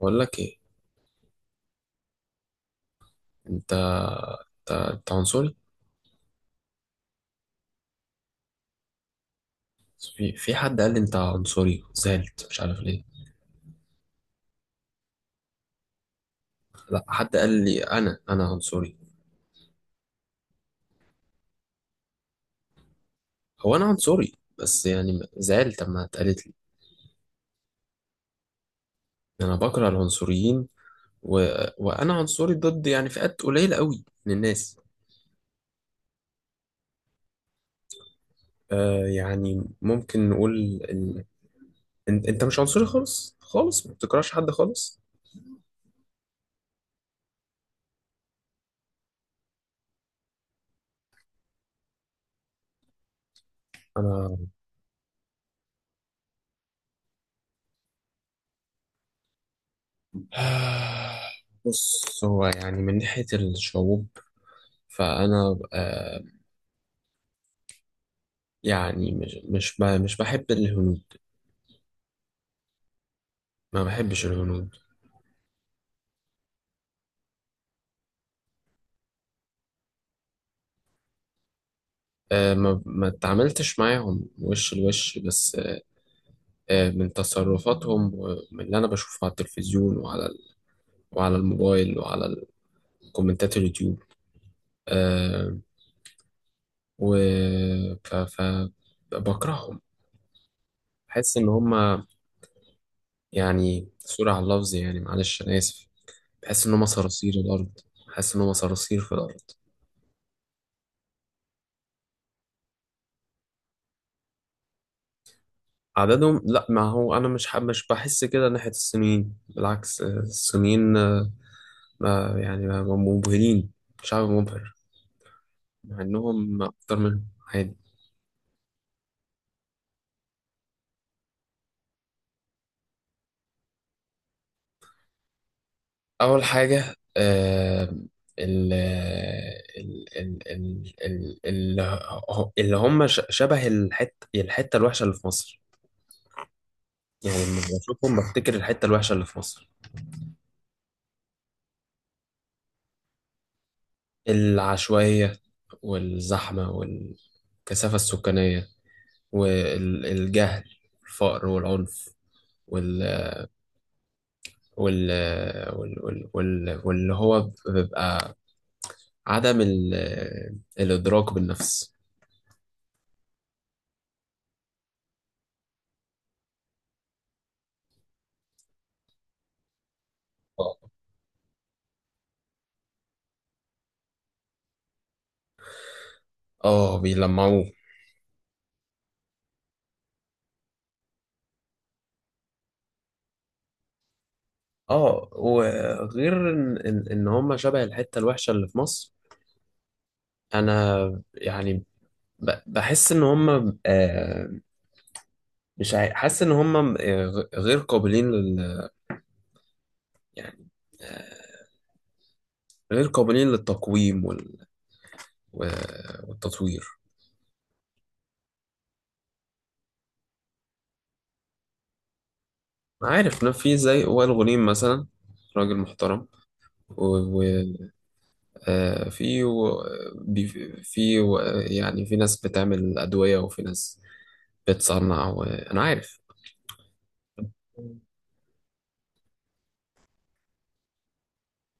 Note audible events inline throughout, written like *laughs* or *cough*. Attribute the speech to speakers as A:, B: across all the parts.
A: بقول لك ايه؟ انت انت أنت عنصري. في حد قال لي انت عنصري، زعلت، مش عارف ليه. لا، حد قال لي انا عنصري. هو انا عنصري؟ بس يعني زعلت لما اتقالت لي. انا بكره العنصريين و... وانا عنصري ضد يعني فئات قليله قوي من الناس. يعني ممكن نقول ال... انت مش عنصري خالص خالص، ما بتكرهش حد خالص؟ انا *sighs* بص، هو يعني من ناحيه الشعوب، فانا يعني مش بحب الهنود. ما بحبش الهنود. ما اتعاملتش معاهم وش لوش، بس من تصرفاتهم ومن اللي انا بشوفه على التلفزيون، وعلى الموبايل، كومنتات اليوتيوب. آه و ف بكرههم. بحس ان هم يعني، سوري على اللفظ، يعني معلش انا اسف. بحس ان هم صراصير الارض. بحس ان هم صراصير في الارض. عددهم؟ لا، ما هو انا مش بحس كده ناحية الصينيين، بالعكس. الصينيين، يعني ما مبهرين. شعب مبهر. مع انهم اكتر منهم عادي. اول حاجة، ال ال ال ال اللي هم شبه الحتة الوحشة اللي في مصر. يعني لما بشوفهم بفتكر الحتة الوحشة اللي في مصر. العشوائية، والزحمة والكثافة السكانية، والجهل، الفقر والعنف، وال وال واللي هو بيبقى عدم الإدراك بالنفس. اه. بيلمعوه. اه، وغير ان ان إن هم شبه الحتة الوحشة اللي في مصر، انا يعني بحس ان هم، مش حاسس ان هم، غير قابلين لل يعني، آه، غير قابلين للتقويم و- والتطوير. عارف إن في زي وائل غنيم مثلا، راجل محترم. وفي في و- يعني في ناس بتعمل أدوية، وفي ناس بتصنع، وأنا عارف.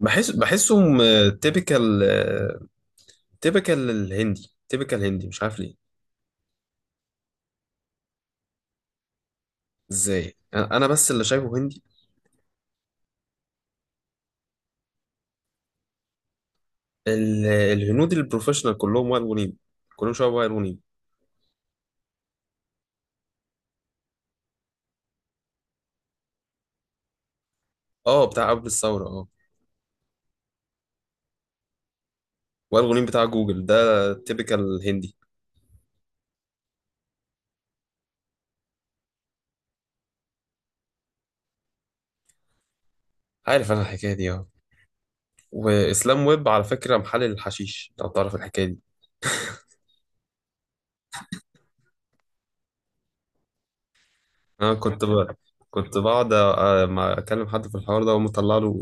A: بحسهم تيبيكال. تيبيكال الهندي، تيبيكال هندي، مش عارف ليه. ازاي؟ انا بس اللي شايفه هندي؟ الهنود البروفيشنال كلهم وائل غنيم، كلهم شبه وائل غنيم. اه، بتاع قبل الثوره، اه. وائل غنيم بتاع جوجل ده تيبيكال هندي. عارف انا الحكايه دي، اه. واسلام ويب على فكره محلل الحشيش، لو تعرف الحكايه دي. انا كنت بجد كنت بقعد ما اكلم حد في الحوار ده ومطلع له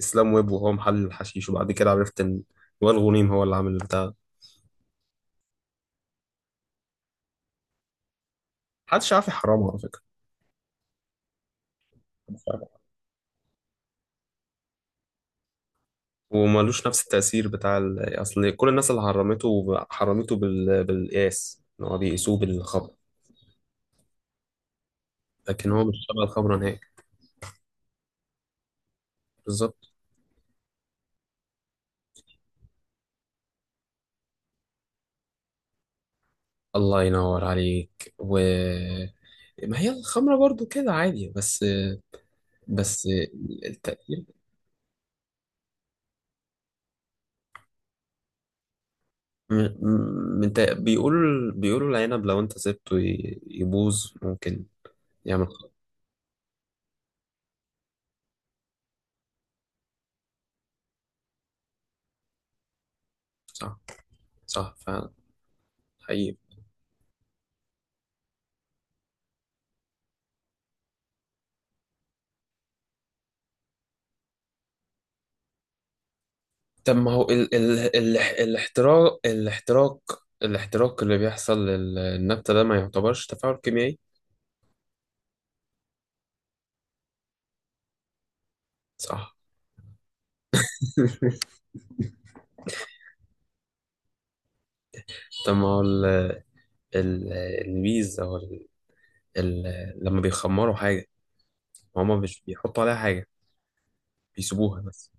A: اسلام ويب وهو محلل الحشيش، وبعد كده عرفت ان وائل غنيم هو اللي عامل البتاع. محدش عارف يحرمه، على فكره. محدش عارف. وملوش نفس التأثير بتاع أصل كل الناس اللي حرمته حرمته بالقياس، إن هو بيقيسوه بالخمر. لكن هو مش شبه الخمرة نهائي. بالظبط. الله ينور عليك. ما هي الخمرة برضو كده عادي، بس. بس التأثير. م- بيقولوا العنب لو انت سبته يبوظ، ممكن يعمل خطر. صح. صح فعلا. حقيقي. طب ما هو ال ال ال الاحتراق اللي بيحصل للنبتة ده، ما يعتبرش تفاعل كيميائي؟ صح. *laughs* طب ما هو ال- البيز او ال ال لما بيخمروا حاجة، هما مش بيحطوا عليها حاجة، بيسيبوها بس؟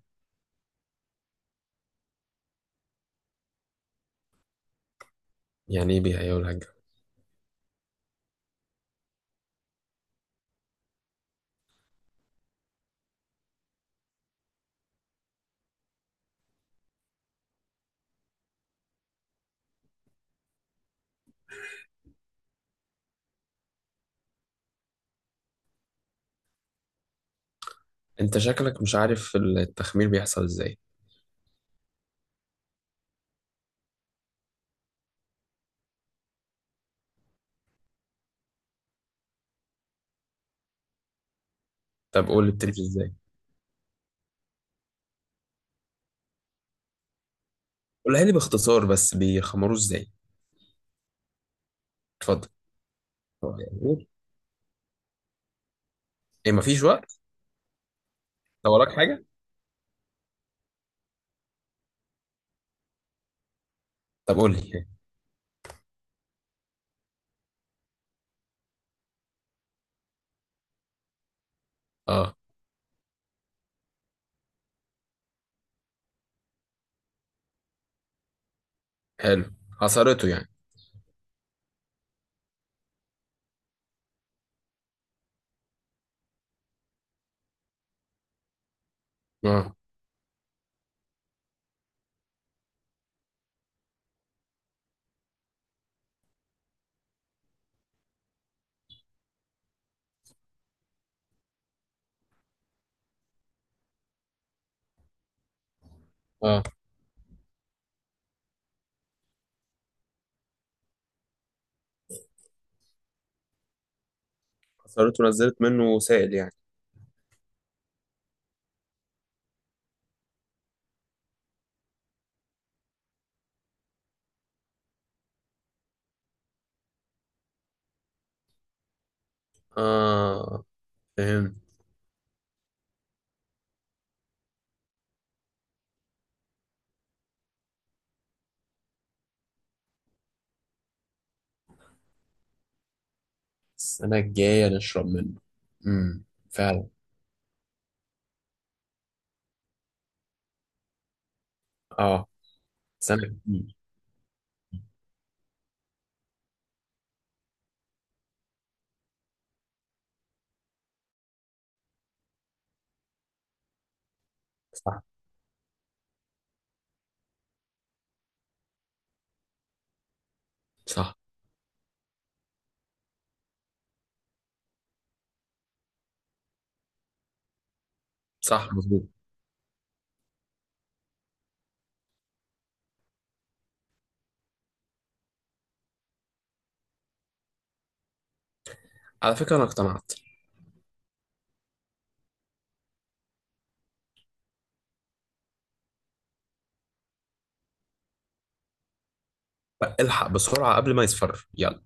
A: يعني ايه بيهيئوا لها الجو؟ انت شكلك مش عارف التخمير بيحصل ازاي. طب قول لي، بتلف ازاي؟ قولها لي باختصار بس، بيخمروه ازاي. اتفضل. هو يعني إيه؟ ايه، مفيش وقت؟ لو وراك حاجه. طب قول لي. اه. حلو. حصرته يعني. اه. اه، حصرته نزلت منه سائل يعني؟ اه، فهمت. السنه الجايه نشرب منه. امم. فعلا. اه، سنه كتير. صح، صح، صح، مظبوط. على فكره انا اقتنعت. الحق بسرعه قبل ما يصفر، يلا.